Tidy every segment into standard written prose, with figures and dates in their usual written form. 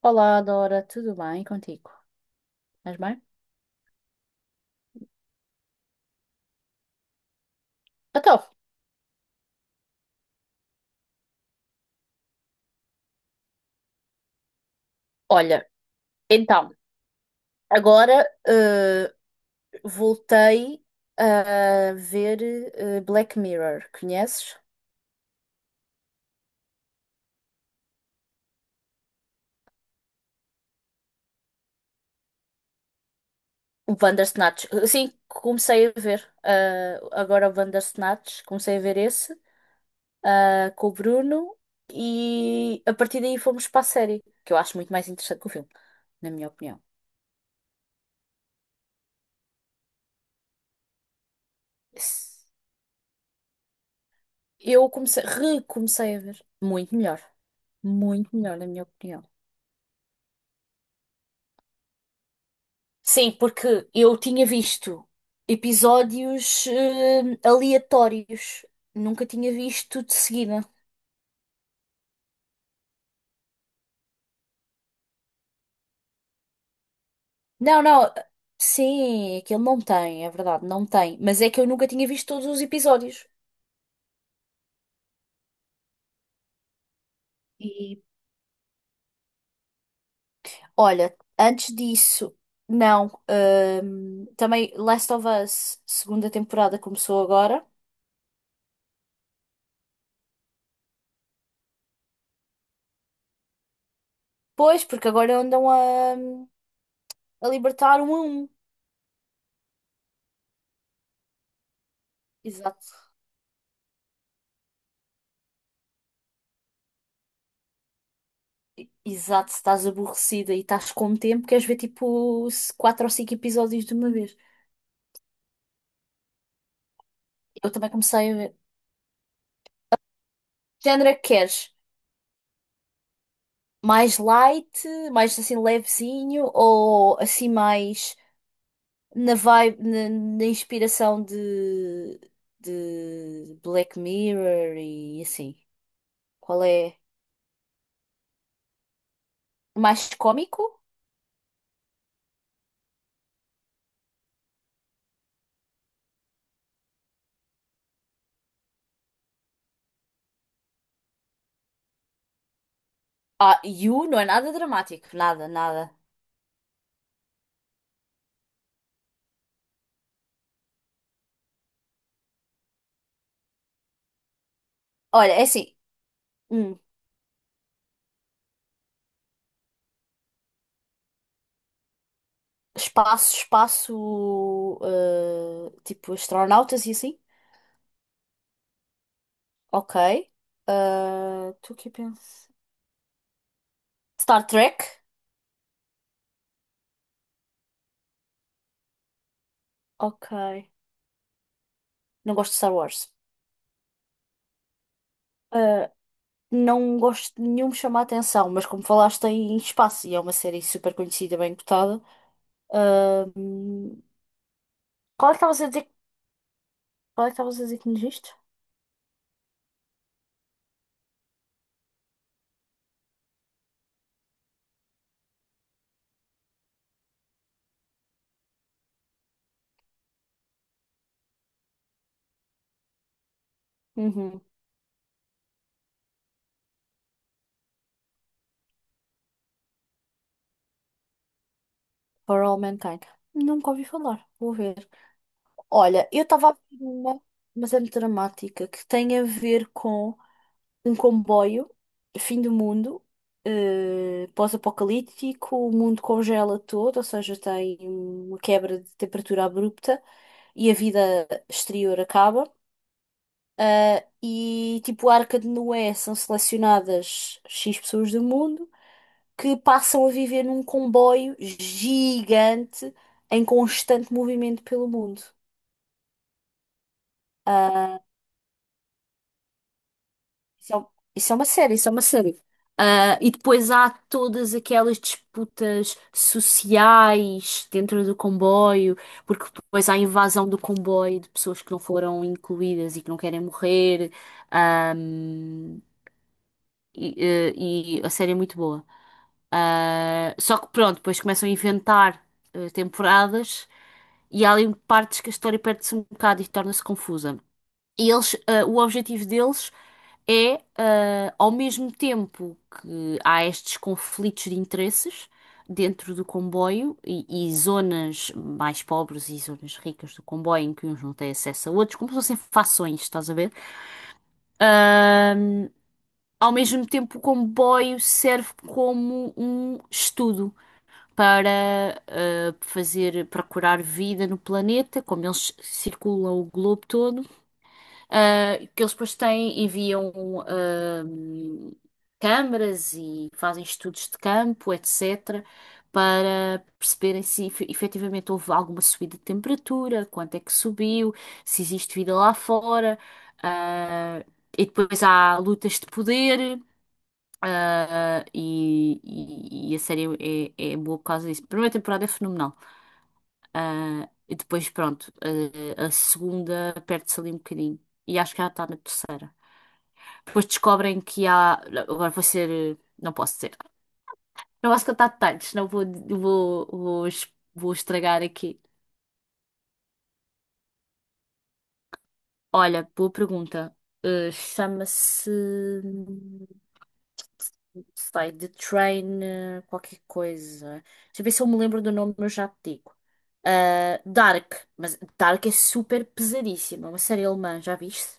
Olá, Dora, tudo bem contigo? Estás bem? Então, olha, então, agora voltei a ver Black Mirror, conheces? O Bandersnatch. Sim, comecei a ver agora o Bandersnatch, comecei a ver esse com o Bruno e a partir daí fomos para a série, que eu acho muito mais interessante que o filme, na minha opinião. Eu comecei, recomecei a ver, muito melhor, na minha opinião. Sim, porque eu tinha visto episódios aleatórios. Nunca tinha visto de seguida. Não, não. Sim, aquilo não tem, é verdade, não tem. Mas é que eu nunca tinha visto todos os episódios. E olha, antes disso, não. Também Last of Us, segunda temporada começou agora. Pois, porque agora andam a libertar um a um. Exato. Exato, se estás aborrecida e estás com tempo, queres ver tipo quatro ou cinco episódios de uma vez. Eu também comecei a ver. Que género é que queres? Mais light, mais assim levezinho ou assim mais na vibe, na inspiração de Black Mirror e assim? Qual é? Mais cômico. Ah, You não é nada dramático, nada, nada. Olha, é assim. hum, Espaço, espaço, tipo astronautas e assim? Ok. Estou aqui a pensar. Star Trek? Ok. Não gosto de Star Wars. Eh, não gosto de nenhum me chamar a atenção, mas como falaste em espaço e é uma série super conhecida, bem cotada. eh, Qual é que estavas a dizer? Qual é que estavas a dizer que nos viste? Uhum. For All Mankind. Nunca ouvi falar. Vou ver. Olha, eu estava a ver uma, mas é muito dramática, que tem a ver com um comboio, fim do mundo, pós-apocalíptico, o mundo congela todo, ou seja, tem uma quebra de temperatura abrupta e a vida exterior acaba. Ah, e tipo, a Arca de Noé são selecionadas X pessoas do mundo que passam a viver num comboio gigante em constante movimento pelo mundo. Ah, Isso é, um- isso é uma série, isso é uma série. Ah, e depois há todas aquelas disputas sociais dentro do comboio, porque depois há a invasão do comboio de pessoas que não foram incluídas e que não querem morrer. Ahm, e, eh, e a série é muito boa. Ah, só que pronto, depois começam a inventar temporadas e há ali partes que a história perde-se um bocado e torna-se confusa. E eles, ah, o objetivo deles é, ah, ao mesmo tempo que há estes conflitos de interesses dentro do comboio e zonas mais pobres e zonas ricas do comboio em que uns não têm acesso a outros, como se fossem fações, estás a ver? Ah, ao mesmo tempo, o comboio serve como um estudo para ah, fazer, procurar vida no planeta, como eles circulam o globo todo ah, que eles depois têm, enviam ahm, câmaras e fazem estudos de campo, etc., para perceberem se efetivamente houve alguma subida de temperatura, quanto é que subiu, se existe vida lá fora. Ah, e depois há lutas de poder. Ah, e a série é boa por causa disso. A primeira temporada é fenomenal. Ah, e depois, pronto, ah, a segunda perde-se ali um bocadinho. E acho que ela está na terceira. Depois descobrem que há. Agora vou ser. Não posso dizer. Não posso contar detalhes, senão vou estragar aqui. Olha, boa pergunta. Ah, chama-se. Sei, The Train, qualquer coisa. Deixa eu ver se eu me lembro do nome, eu já te digo. Ah, Dark, mas Dark é super pesadíssima, é uma série alemã, já viste?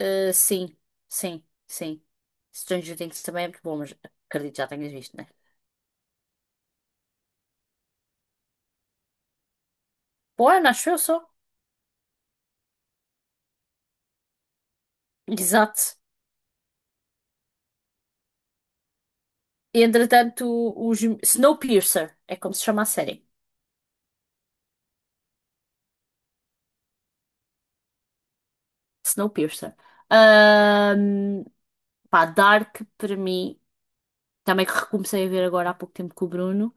Sim, sim, sim. Stranger Things também é muito bom, mas acredito que já tenhas visto, né? Bom, ano, acho eu só. Exato. Entretanto, os Snowpiercer, é como se chama a série. Snowpiercer. Ahm, Pá, Dark, para mim, também que recomecei a ver agora há pouco tempo com o Bruno.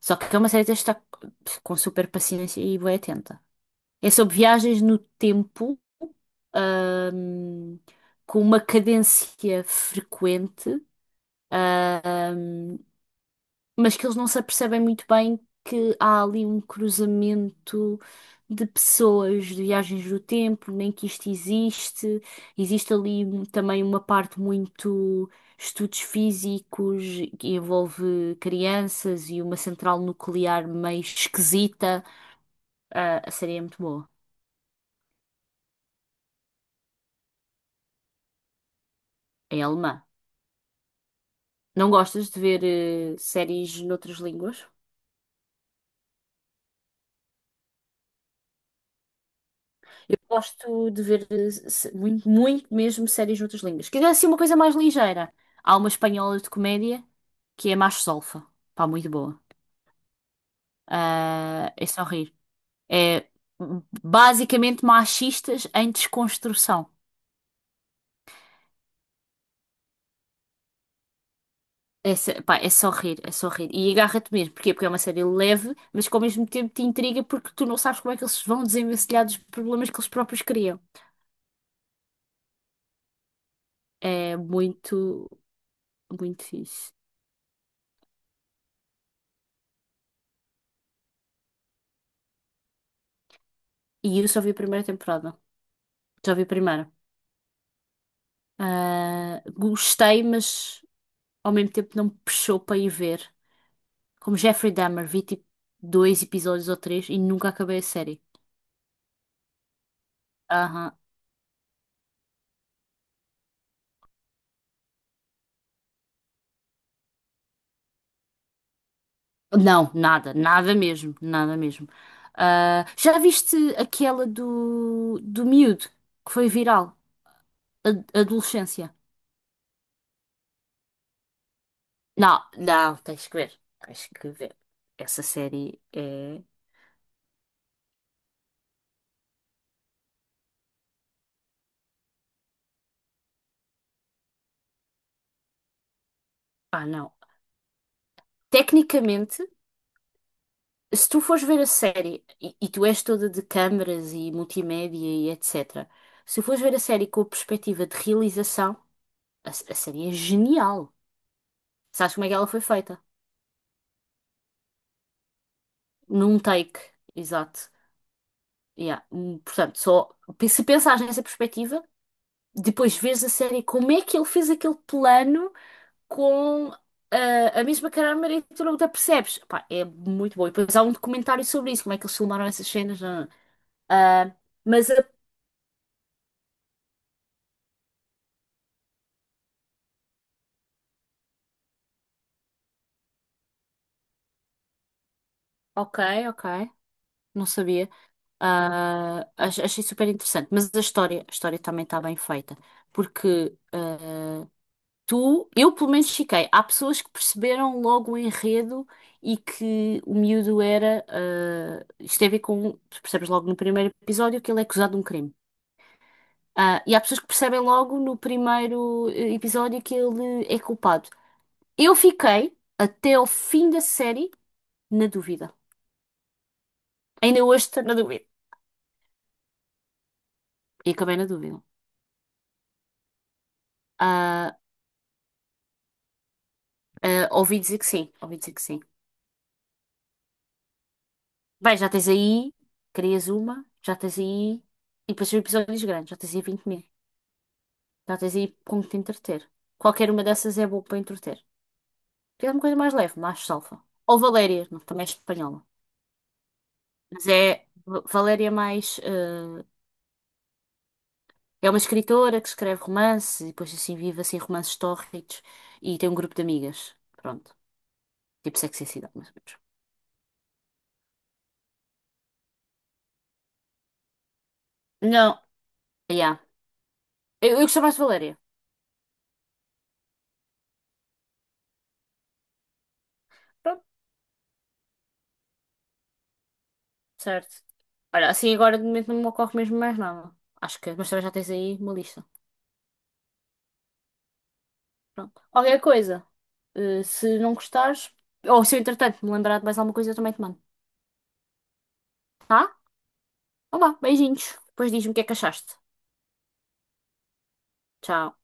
Só que é uma série que tens de estar com super paciência e bem atenta. É sobre viagens no tempo, ahm, com uma cadência frequente. Ahm, mas que eles não se apercebem muito bem que há ali um cruzamento de pessoas, de viagens do tempo, nem que isto existe. Existe ali também uma parte muito estudos físicos que envolve crianças e uma central nuclear meio esquisita. Ah, a série é muito boa, é alemã. Não gostas de ver séries noutras línguas? Eu gosto de ver muito, muito mesmo séries noutras línguas. Quer dizer, assim, uma coisa mais ligeira. Há uma espanhola de comédia que é Macho Solfa. Pá, muito boa. Ah, é só rir. É basicamente machistas em desconstrução. É, pá, é só rir, é só rir. E agarra-te mesmo. Porquê? Porque é uma série leve, mas que ao mesmo tempo te intriga porque tu não sabes como é que eles vão desenvencilhar dos problemas que eles próprios criam. É muito, muito fixe. E eu só vi a primeira temporada. Já vi a primeira. Ah, gostei, mas ao mesmo tempo não me puxou para ir ver. Como Jeffrey Dahmer, vi tipo dois episódios ou três e nunca acabei a série. Aham. Não, nada, nada mesmo, nada mesmo. Ah, já viste aquela do miúdo que foi viral? Adolescência. Não, não, tens que ver. Tens que ver. Essa série é. Ah, não. Tecnicamente. Se tu fores ver a série, e tu és toda de câmaras e multimédia e etc., se fores ver a série com a perspectiva de realização, a série é genial. Sabes como é que ela foi feita? Num take, exato. Yeah. Portanto, só se pensares nessa perspectiva, depois vês a série como é que ele fez aquele plano com a mesma câmara e tu não te apercebes. Pá, é muito bom. E depois há um documentário sobre isso, como é que eles filmaram essas cenas. Ah, ah, mas a Ok, ok. Não sabia. Ah, achei super interessante. Mas a história também está bem feita. Porque ah, eu pelo menos fiquei. Há pessoas que perceberam logo o enredo e que o miúdo era. Ah, isto tem a ver com. Tu percebes logo no primeiro episódio que ele é acusado de um crime. Ah, e há pessoas que percebem logo no primeiro episódio que ele é culpado. Eu fiquei até ao fim da série na dúvida. Ainda hoje estou na dúvida. E acabei na dúvida. Ah, Ah, ouvi dizer que sim, ouvi dizer que sim. Bem, já tens aí, crias uma, já tens aí, e depois são episódios grandes, já tens aí 20 mil. Já tens aí com que te entreter. Qualquer uma dessas é boa para entreter. Queres uma coisa mais leve, mais salfa. Ou Valéria, não, também é espanhola. Mas é Valéria é mais. Ah, é uma escritora que escreve romances e depois assim vive assim romances tórridos e tem um grupo de amigas. Pronto. Tipo Sexy and the City, mais ou menos. Não, yeah. Eu gosto mais de Valéria. Certo. Olha, assim agora de momento não me ocorre mesmo mais nada. Acho que, mas também já tens aí uma lista. Pronto. Qualquer coisa. Se não gostares, ou se eu entretanto me lembrar de mais alguma coisa, eu também te mando. Tá? Então vá, beijinhos. Depois diz-me o que é que achaste. Tchau.